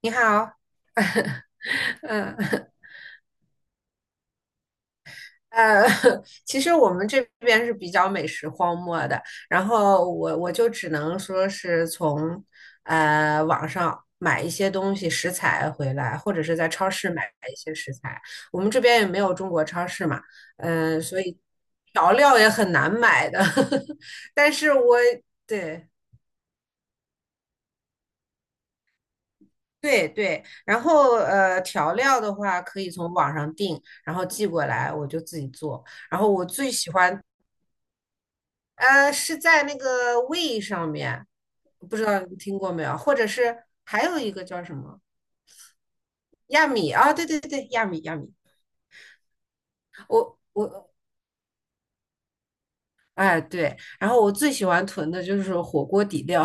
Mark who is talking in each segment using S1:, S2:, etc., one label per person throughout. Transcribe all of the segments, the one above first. S1: 你好，嗯呃，其实我们这边是比较美食荒漠的，然后我就只能说是从网上买一些东西食材回来，或者是在超市买一些食材。我们这边也没有中国超市嘛，所以调料也很难买的。但是我对对对，然后调料的话可以从网上订，然后寄过来我就自己做。然后我最喜欢是在那个胃上面，不知道你听过没有？或者是还有一个叫什么亚米啊？对对对，亚米亚米，我我哎对，然后我最喜欢囤的就是火锅底料，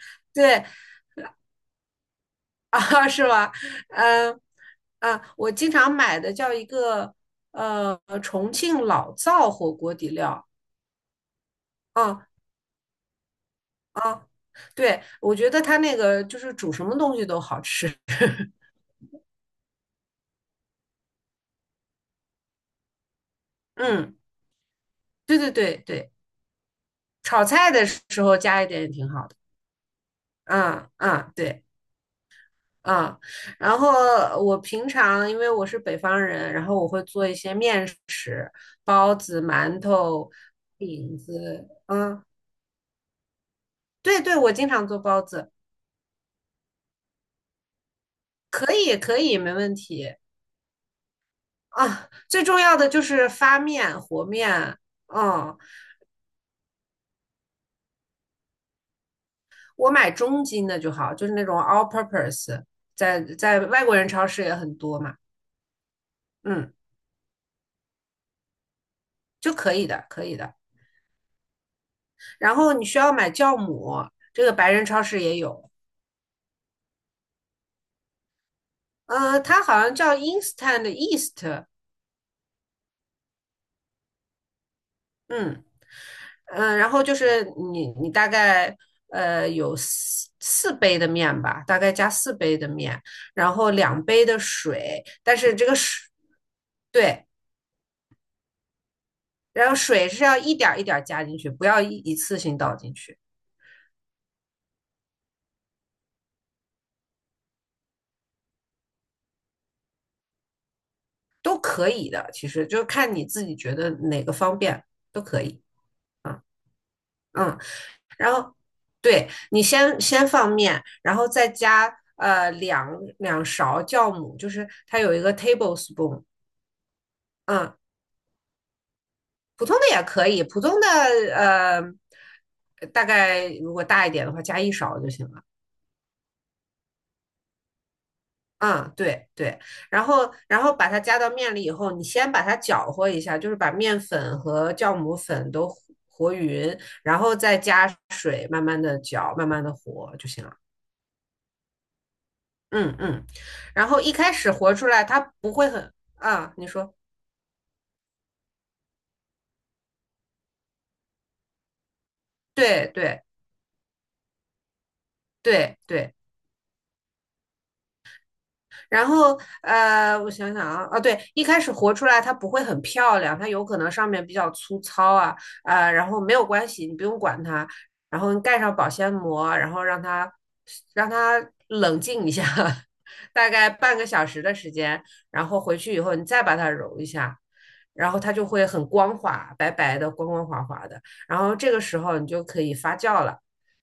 S1: 对啊是吧？嗯我经常买的叫一个重庆老灶火锅底料，啊啊，对，我觉得它那个就是煮什么东西都好吃，嗯，对对对对。炒菜的时候加一点也挺好的。嗯嗯，对，嗯。然后我平常因为我是北方人，然后我会做一些面食，包子、馒头、饼子。嗯，对对，我经常做包子，可以可以，没问题。啊，最重要的就是发面、和面。嗯，我买中筋的就好，就是那种 all purpose，在外国人超市也很多嘛。嗯，就可以的，可以的。然后你需要买酵母，这个白人超市也有，它好像叫 Instant east 嗯然后就是你大概有四杯的面吧，大概加四杯的面，然后2杯的水，但是这个水对，然后水是要一点一点加进去，不要一次性倒进去，都可以的，其实就看你自己觉得哪个方便都可以，嗯。然后对你先放面，然后再加两勺酵母，就是它有一个 tablespoon，嗯，普通的也可以，普通的呃大概如果大一点的话加1勺就行了。嗯，对对，然后把它加到面里以后，你先把它搅和一下，就是把面粉和酵母粉都和匀，然后再加水，慢慢的搅，慢慢的和就行了。嗯嗯，然后一开始活出来，他不会很啊，你说对对对对，然后我想想啊，啊对，一开始活出来它不会很漂亮，它有可能上面比较粗糙啊啊、然后没有关系，你不用管它，然后你盖上保鲜膜，然后让它冷静一下，大概半个小时的时间，然后回去以后你再把它揉一下。然后它就会很光滑，白白的，光光滑滑的。然后这个时候你就可以发酵了，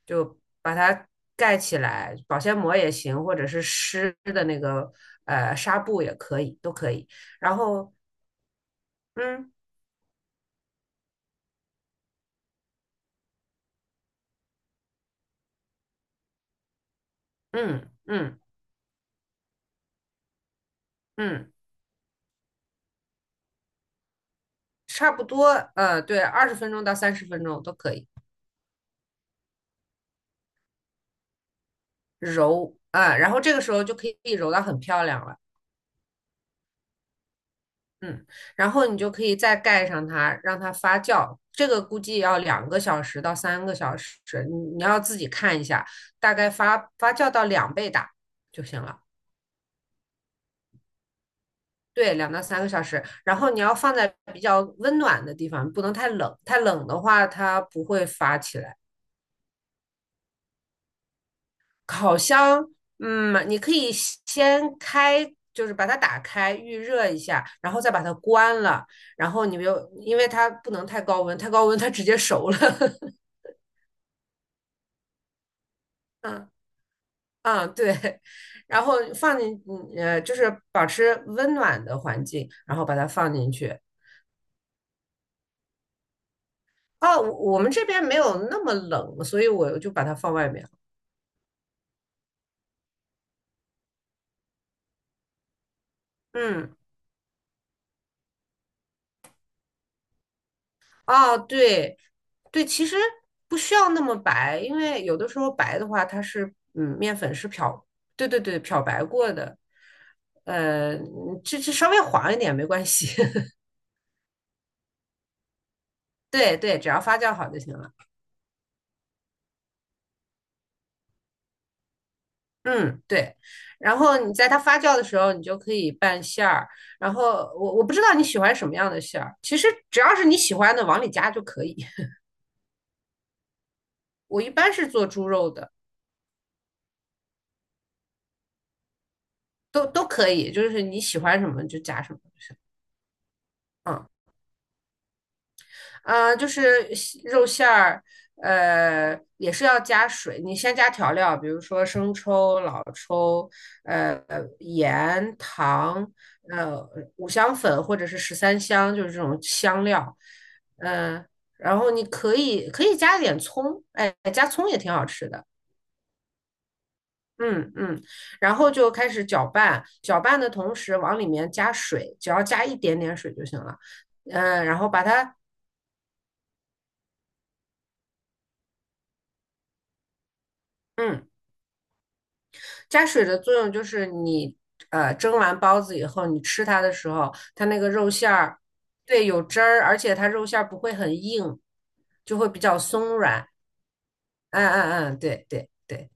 S1: 就把它盖起来，保鲜膜也行，或者是湿的那个纱布也可以，都可以。然后，嗯嗯嗯嗯，差不多，对，20分钟到30分钟都可以揉啊，然后这个时候就可以揉到很漂亮了，嗯，然后你就可以再盖上它，让它发酵。这个估计要2个小时到3个小时，你要自己看一下，大概发酵到两倍大就行了。对，2到3个小时，然后你要放在比较温暖的地方，不能太冷，太冷的话它不会发起来。烤箱，你可以先开，就是把它打开预热一下，然后再把它关了，然后你又因为它不能太高温，太高温它直接熟了。嗯嗯，对，然后放进，就是保持温暖的环境，然后把它放进去。哦，我们这边没有那么冷，所以我就把它放外面了嗯。哦，对，对，其实不需要那么白，因为有的时候白的话，它是面粉是漂，对对对，漂白过的，这稍微黄一点没关系，对对，只要发酵好就行了。嗯，对。然后你在它发酵的时候，你就可以拌馅儿。然后我不知道你喜欢什么样的馅儿，其实只要是你喜欢的往里加就可以。我一般是做猪肉的，都可以，就是你喜欢什么就加什么就行。嗯。嗯，就是西肉馅儿，也是要加水。你先加调料，比如说生抽、老抽，呃，盐、糖，呃，五香粉或者是十三香，就是这种香料。嗯、然后你可以加点葱，哎，加葱也挺好吃的。嗯嗯，然后就开始搅拌，搅拌的同时往里面加水，只要加一点点水就行了。嗯、然后把它，嗯。加水的作用就是你蒸完包子以后，你吃它的时候，它那个肉馅儿，对，有汁儿，而且它肉馅儿不会很硬，就会比较松软。嗯嗯嗯，对对对，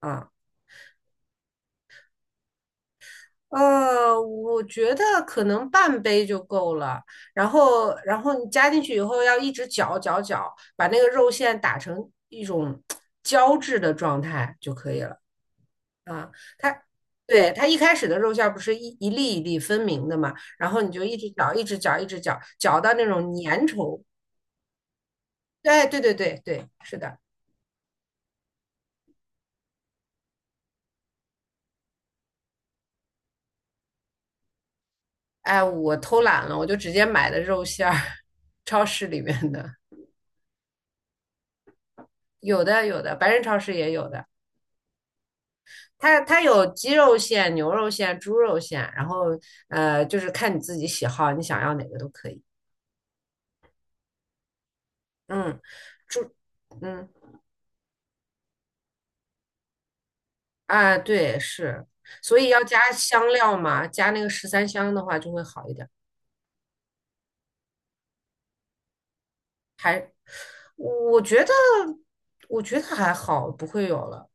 S1: 啊、我觉得可能半杯就够了。然后你加进去以后，要一直搅搅搅，把那个肉馅打成一种胶质的状态就可以了。啊，它对它一开始的肉馅儿不是一粒一粒分明的嘛，然后你就一直搅，一直搅，一直搅，搅到那种粘稠。对对对对对，是的。哎，我偷懒了，我就直接买的肉馅儿，超市里面的有的有的，白人超市也有的。它有鸡肉馅、牛肉馅、猪肉馅，然后就是看你自己喜好，你想要哪个都可以。嗯，猪，嗯。啊，对，是，所以要加香料嘛，加那个十三香的话就会好一点。还，我觉得，我觉得还好，不会有了。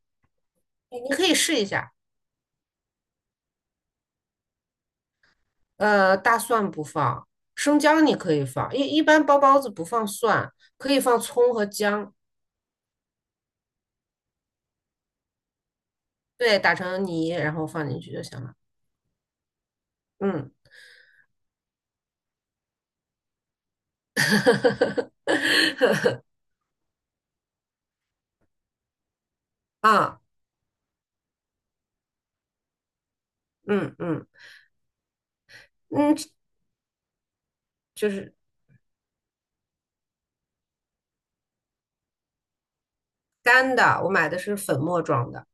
S1: 你可以试一下，大蒜不放，生姜你可以放，一般包子不放蒜，可以放葱和姜，对，打成泥然后放进去就行了。嗯，啊，嗯嗯嗯，就是干的，我买的是粉末状的。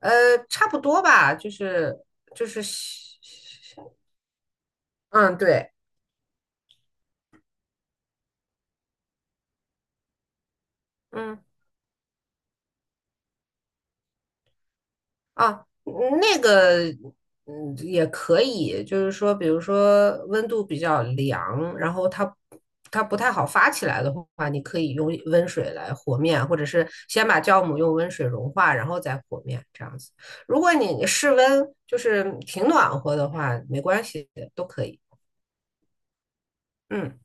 S1: 呃，差不多吧，就是，嗯，对，嗯那个也可以，就是说，比如说温度比较凉，然后它不太好发起来的话，你可以用温水来和面，或者是先把酵母用温水融化，然后再和面这样子。如果你室温就是挺暖和的话，没关系，都可以。嗯，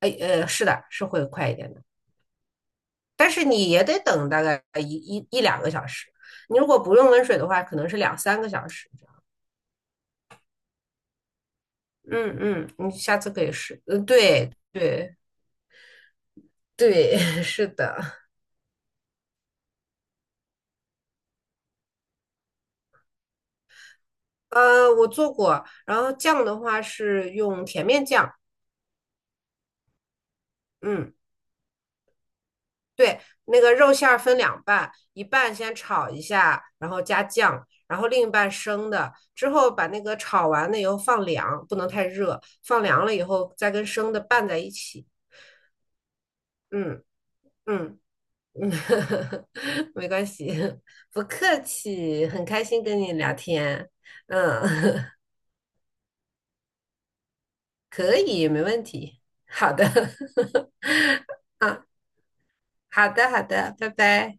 S1: 哎，是的，是会快一点的。但是你也得等大概一两个小时。你如果不用温水的话，可能是两三个小时这样嗯，你下次可以试。嗯，对对对，是的。我做过，然后酱的话是用甜面酱。嗯，对，那个肉馅儿分两半，一半先炒一下，然后加酱，然后另一半生的。之后把那个炒完了以后放凉，不能太热，放凉了以后再跟生的拌在一起。嗯嗯。嗯，没关系，不客气，很开心跟你聊天。嗯，可以，没问题。好的，好的，好的，拜拜。